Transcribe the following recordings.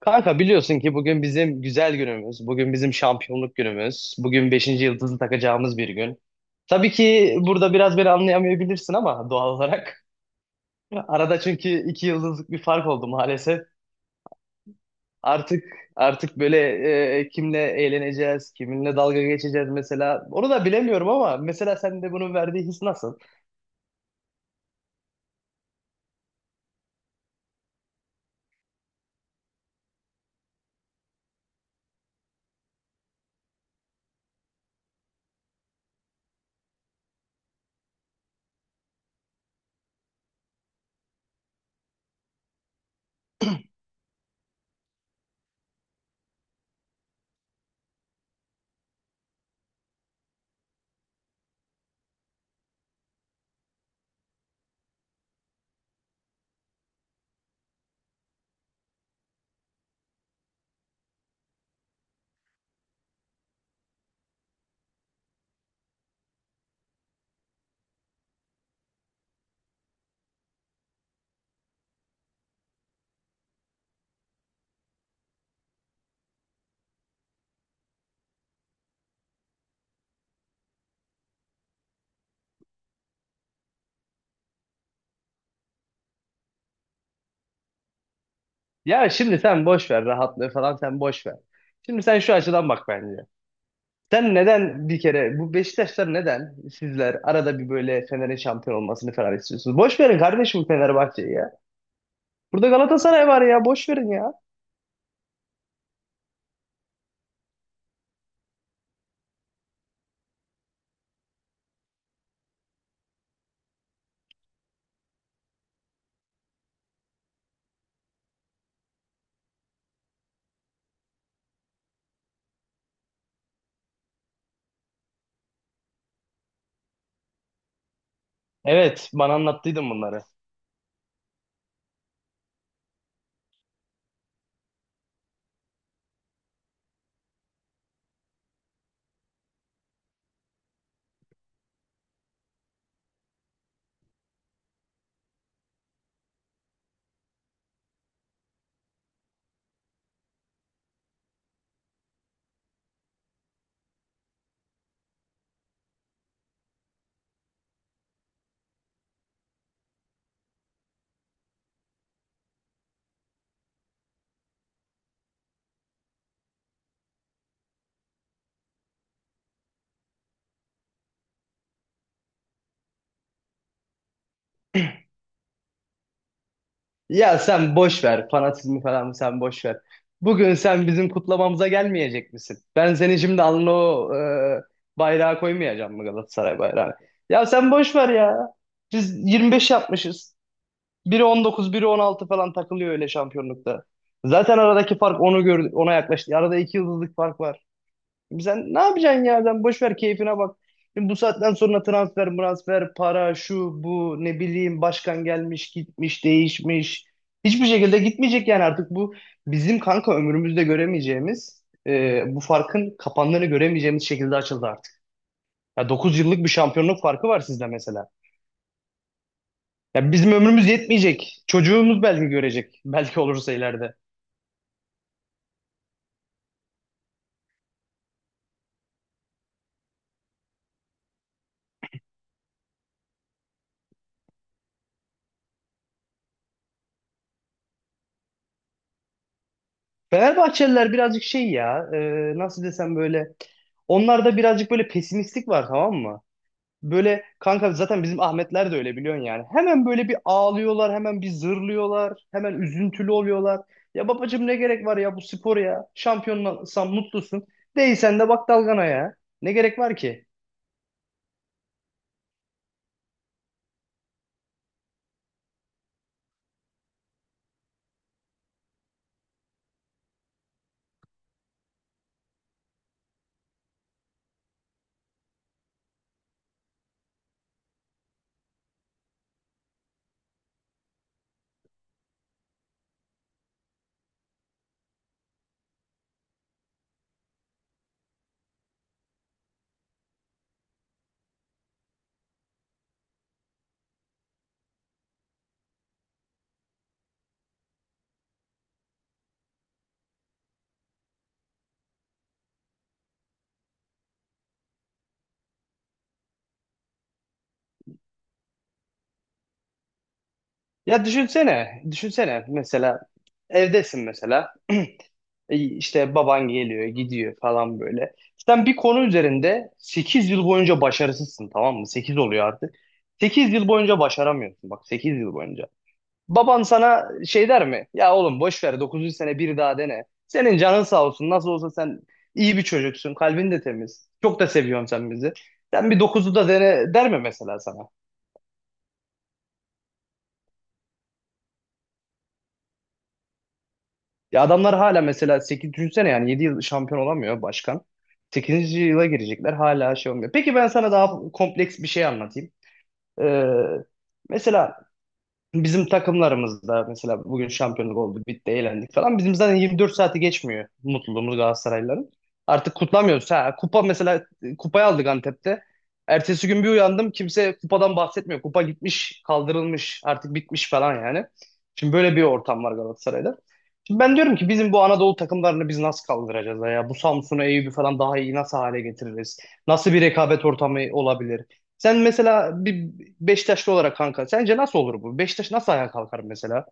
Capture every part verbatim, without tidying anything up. Kanka biliyorsun ki bugün bizim güzel günümüz, bugün bizim şampiyonluk günümüz, bugün beşinci yıldızı takacağımız bir gün. Tabii ki burada biraz beni anlayamayabilirsin ama doğal olarak. Arada çünkü iki yıldızlık bir fark oldu maalesef. Artık artık böyle e, kimle eğleneceğiz, kiminle dalga geçeceğiz mesela. Onu da bilemiyorum ama mesela sen de bunun verdiği his nasıl? Ya şimdi sen boş ver rahatlığı falan sen boş ver. Şimdi sen şu açıdan bak bence. Sen neden bir kere bu Beşiktaşlar neden sizler arada bir böyle Fener'in şampiyon olmasını falan istiyorsunuz? Boş verin kardeşim Fenerbahçe'yi ya. Burada Galatasaray var ya boş verin ya. Evet bana anlattıydın bunları. Ya sen boş ver fanatizmi falan sen boş ver. Bugün sen bizim kutlamamıza gelmeyecek misin? Ben seni şimdi alnına o e, bayrağı koymayacağım mı Galatasaray bayrağını? Ya sen boş ver ya. Biz yirmi beş yapmışız. Biri on dokuz, biri on altı falan takılıyor öyle şampiyonlukta. Zaten aradaki fark onu gördü, ona yaklaştı. Arada iki yıldızlık fark var. Sen ne yapacaksın ya? Sen boş ver keyfine bak. Şimdi bu saatten sonra transfer, transfer, para, şu, bu, ne bileyim başkan gelmiş, gitmiş, değişmiş. Hiçbir şekilde gitmeyecek yani artık bu bizim kanka ömrümüzde göremeyeceğimiz, e, bu farkın kapandığını göremeyeceğimiz şekilde açıldı artık. Ya dokuz yıllık bir şampiyonluk farkı var sizde mesela. Ya bizim ömrümüz yetmeyecek. Çocuğumuz belki görecek. Belki olursa ileride. Fenerbahçeliler birazcık şey ya, e, nasıl desem böyle. Onlarda birazcık böyle pesimistlik var tamam mı? Böyle kanka zaten bizim Ahmetler de öyle biliyorsun yani. Hemen böyle bir ağlıyorlar, hemen bir zırlıyorlar, hemen üzüntülü oluyorlar. Ya babacığım ne gerek var ya bu spor ya? Şampiyonsan mutlusun. Değilsen de bak dalgana ya. Ne gerek var ki? Ya düşünsene, düşünsene mesela evdesin mesela E, işte baban geliyor gidiyor falan böyle. Sen bir konu üzerinde sekiz yıl boyunca başarısızsın tamam mı? Sekiz oluyor artık. Sekiz yıl boyunca başaramıyorsun bak sekiz yıl boyunca. Baban sana şey der mi? Ya oğlum boş ver dokuzuncu sene bir daha dene. Senin canın sağ olsun nasıl olsa sen iyi bir çocuksun kalbin de temiz. Çok da seviyorsun sen bizi. Sen bir dokuzu da dene der mi mesela sana? Ya adamlar hala mesela sekiz düşünsene yani yedi yıl şampiyon olamıyor başkan. Sekizinci yıla girecekler hala şey olmuyor. Peki ben sana daha kompleks bir şey anlatayım. Ee, mesela bizim takımlarımızda mesela bugün şampiyonluk oldu, bitti, eğlendik falan. Bizim zaten yirmi dört saati geçmiyor mutluluğumuz Galatasaraylıların. Artık kutlamıyoruz. Ha, kupa mesela kupayı aldık Antep'te. Ertesi gün bir uyandım kimse kupadan bahsetmiyor. Kupa gitmiş, kaldırılmış, artık bitmiş falan yani. Şimdi böyle bir ortam var Galatasaray'da. Şimdi ben diyorum ki bizim bu Anadolu takımlarını biz nasıl kaldıracağız ya? Bu Samsun'u, Eyüp'ü falan daha iyi nasıl hale getiririz? Nasıl bir rekabet ortamı olabilir? Sen mesela bir Beşiktaşlı olarak kanka sence nasıl olur bu? Beşiktaş nasıl ayağa kalkar mesela?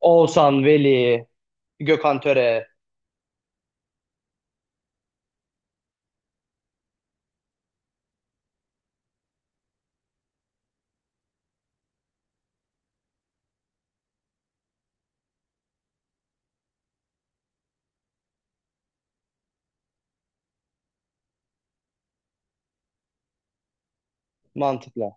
Oğuzhan, Veli, Gökhan Töre mantıkla.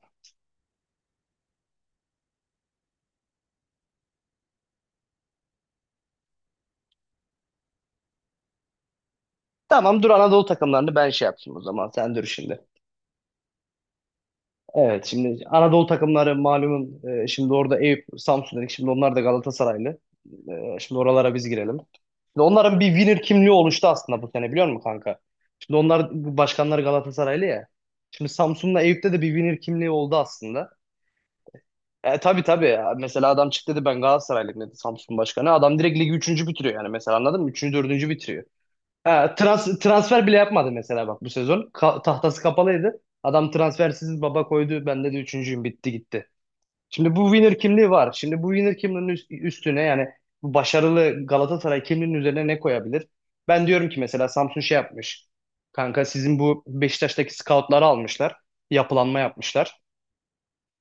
Tamam dur Anadolu takımlarını ben şey yapayım o zaman sen dur şimdi. Evet şimdi Anadolu takımları malumun e, şimdi orada Eyüp, Samsun dedik şimdi onlar da Galatasaraylı. E, şimdi oralara biz girelim. Şimdi onların bir winner kimliği oluştu aslında bu sene biliyor musun kanka? Şimdi onlar bu başkanları Galatasaraylı ya. Şimdi Samsun'la Eyüp'te de bir winner kimliği oldu aslında. E, tabii tabii. Mesela adam çıktı dedi ben Galatasaraylıyım dedi Samsun Başkanı. Adam direkt ligi üçüncü bitiriyor yani mesela anladın mı? Üçüncü, dördüncü bitiriyor. Ha, trans transfer bile yapmadı mesela bak bu sezon. Ka- tahtası kapalıydı. Adam transfersiz baba koydu. Ben dedi üçüncüyüm bitti gitti. Şimdi bu winner kimliği var. Şimdi bu winner kimliğinin üst- üstüne yani bu başarılı Galatasaray kimliğinin üzerine ne koyabilir? Ben diyorum ki mesela Samsun şey yapmış. Kanka sizin bu Beşiktaş'taki scoutları almışlar. Yapılanma yapmışlar.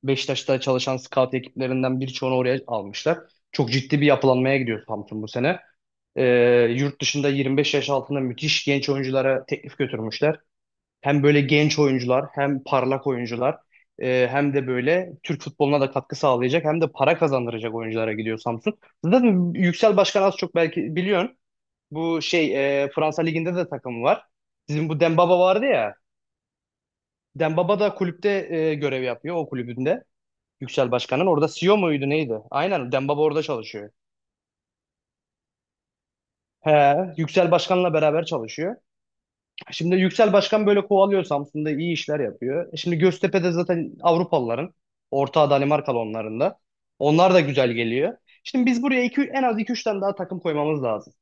Beşiktaş'ta çalışan scout ekiplerinden birçoğunu oraya almışlar. Çok ciddi bir yapılanmaya gidiyor Samsun bu sene. Ee, yurt dışında yirmi beş yaş altında müthiş genç oyunculara teklif götürmüşler. Hem böyle genç oyuncular hem parlak oyuncular e, hem de böyle Türk futboluna da katkı sağlayacak hem de para kazandıracak oyunculara gidiyor Samsun. Zaten Yüksel Başkan az çok belki biliyorsun. Bu şey e, Fransa Ligi'nde de takımı var. Sizin bu Dembaba vardı ya. Dembaba da kulüpte e, görev yapıyor o kulübünde. Yüksel Başkan'ın. Orada C E O muydu neydi? Aynen Dembaba orada çalışıyor. He, Yüksel Başkan'la beraber çalışıyor. Şimdi Yüksel Başkan böyle kovalıyor Samsun'da iyi işler yapıyor. E Şimdi Göztepe'de zaten Avrupalıların. Ortağı Danimarkalı onların da. Onlar da güzel geliyor. Şimdi biz buraya iki, en az iki üç tane daha takım koymamız lazım.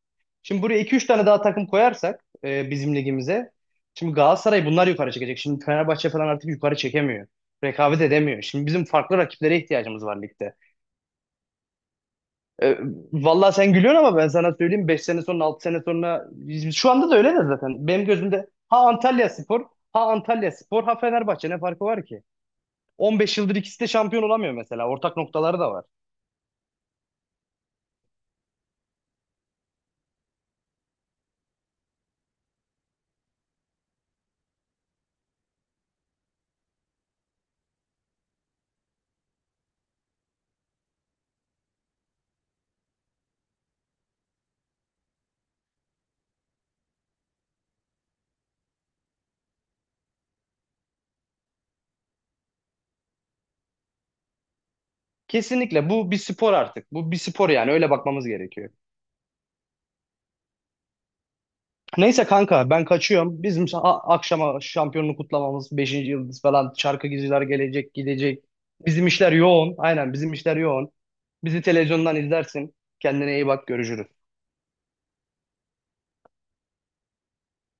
Şimdi buraya iki üç tane daha takım koyarsak e, bizim ligimize. Şimdi Galatasaray bunlar yukarı çekecek. Şimdi Fenerbahçe falan artık yukarı çekemiyor. Rekabet edemiyor. Şimdi bizim farklı rakiplere ihtiyacımız var ligde. E, vallahi sen gülüyorsun ama ben sana söyleyeyim beş sene sonra altı sene sonra şu anda da öyle de zaten. Benim gözümde ha Antalya Spor ha Antalya Spor ha Fenerbahçe ne farkı var ki? On beş yıldır ikisi de şampiyon olamıyor mesela. Ortak noktaları da var. Kesinlikle bu bir spor artık. Bu bir spor yani öyle bakmamız gerekiyor. Neyse kanka ben kaçıyorum. Bizim a- akşama şampiyonluğu kutlamamız beşinci yıldız falan şarkıcılar gelecek gidecek. Bizim işler yoğun. Aynen bizim işler yoğun. Bizi televizyondan izlersin. Kendine iyi bak görüşürüz.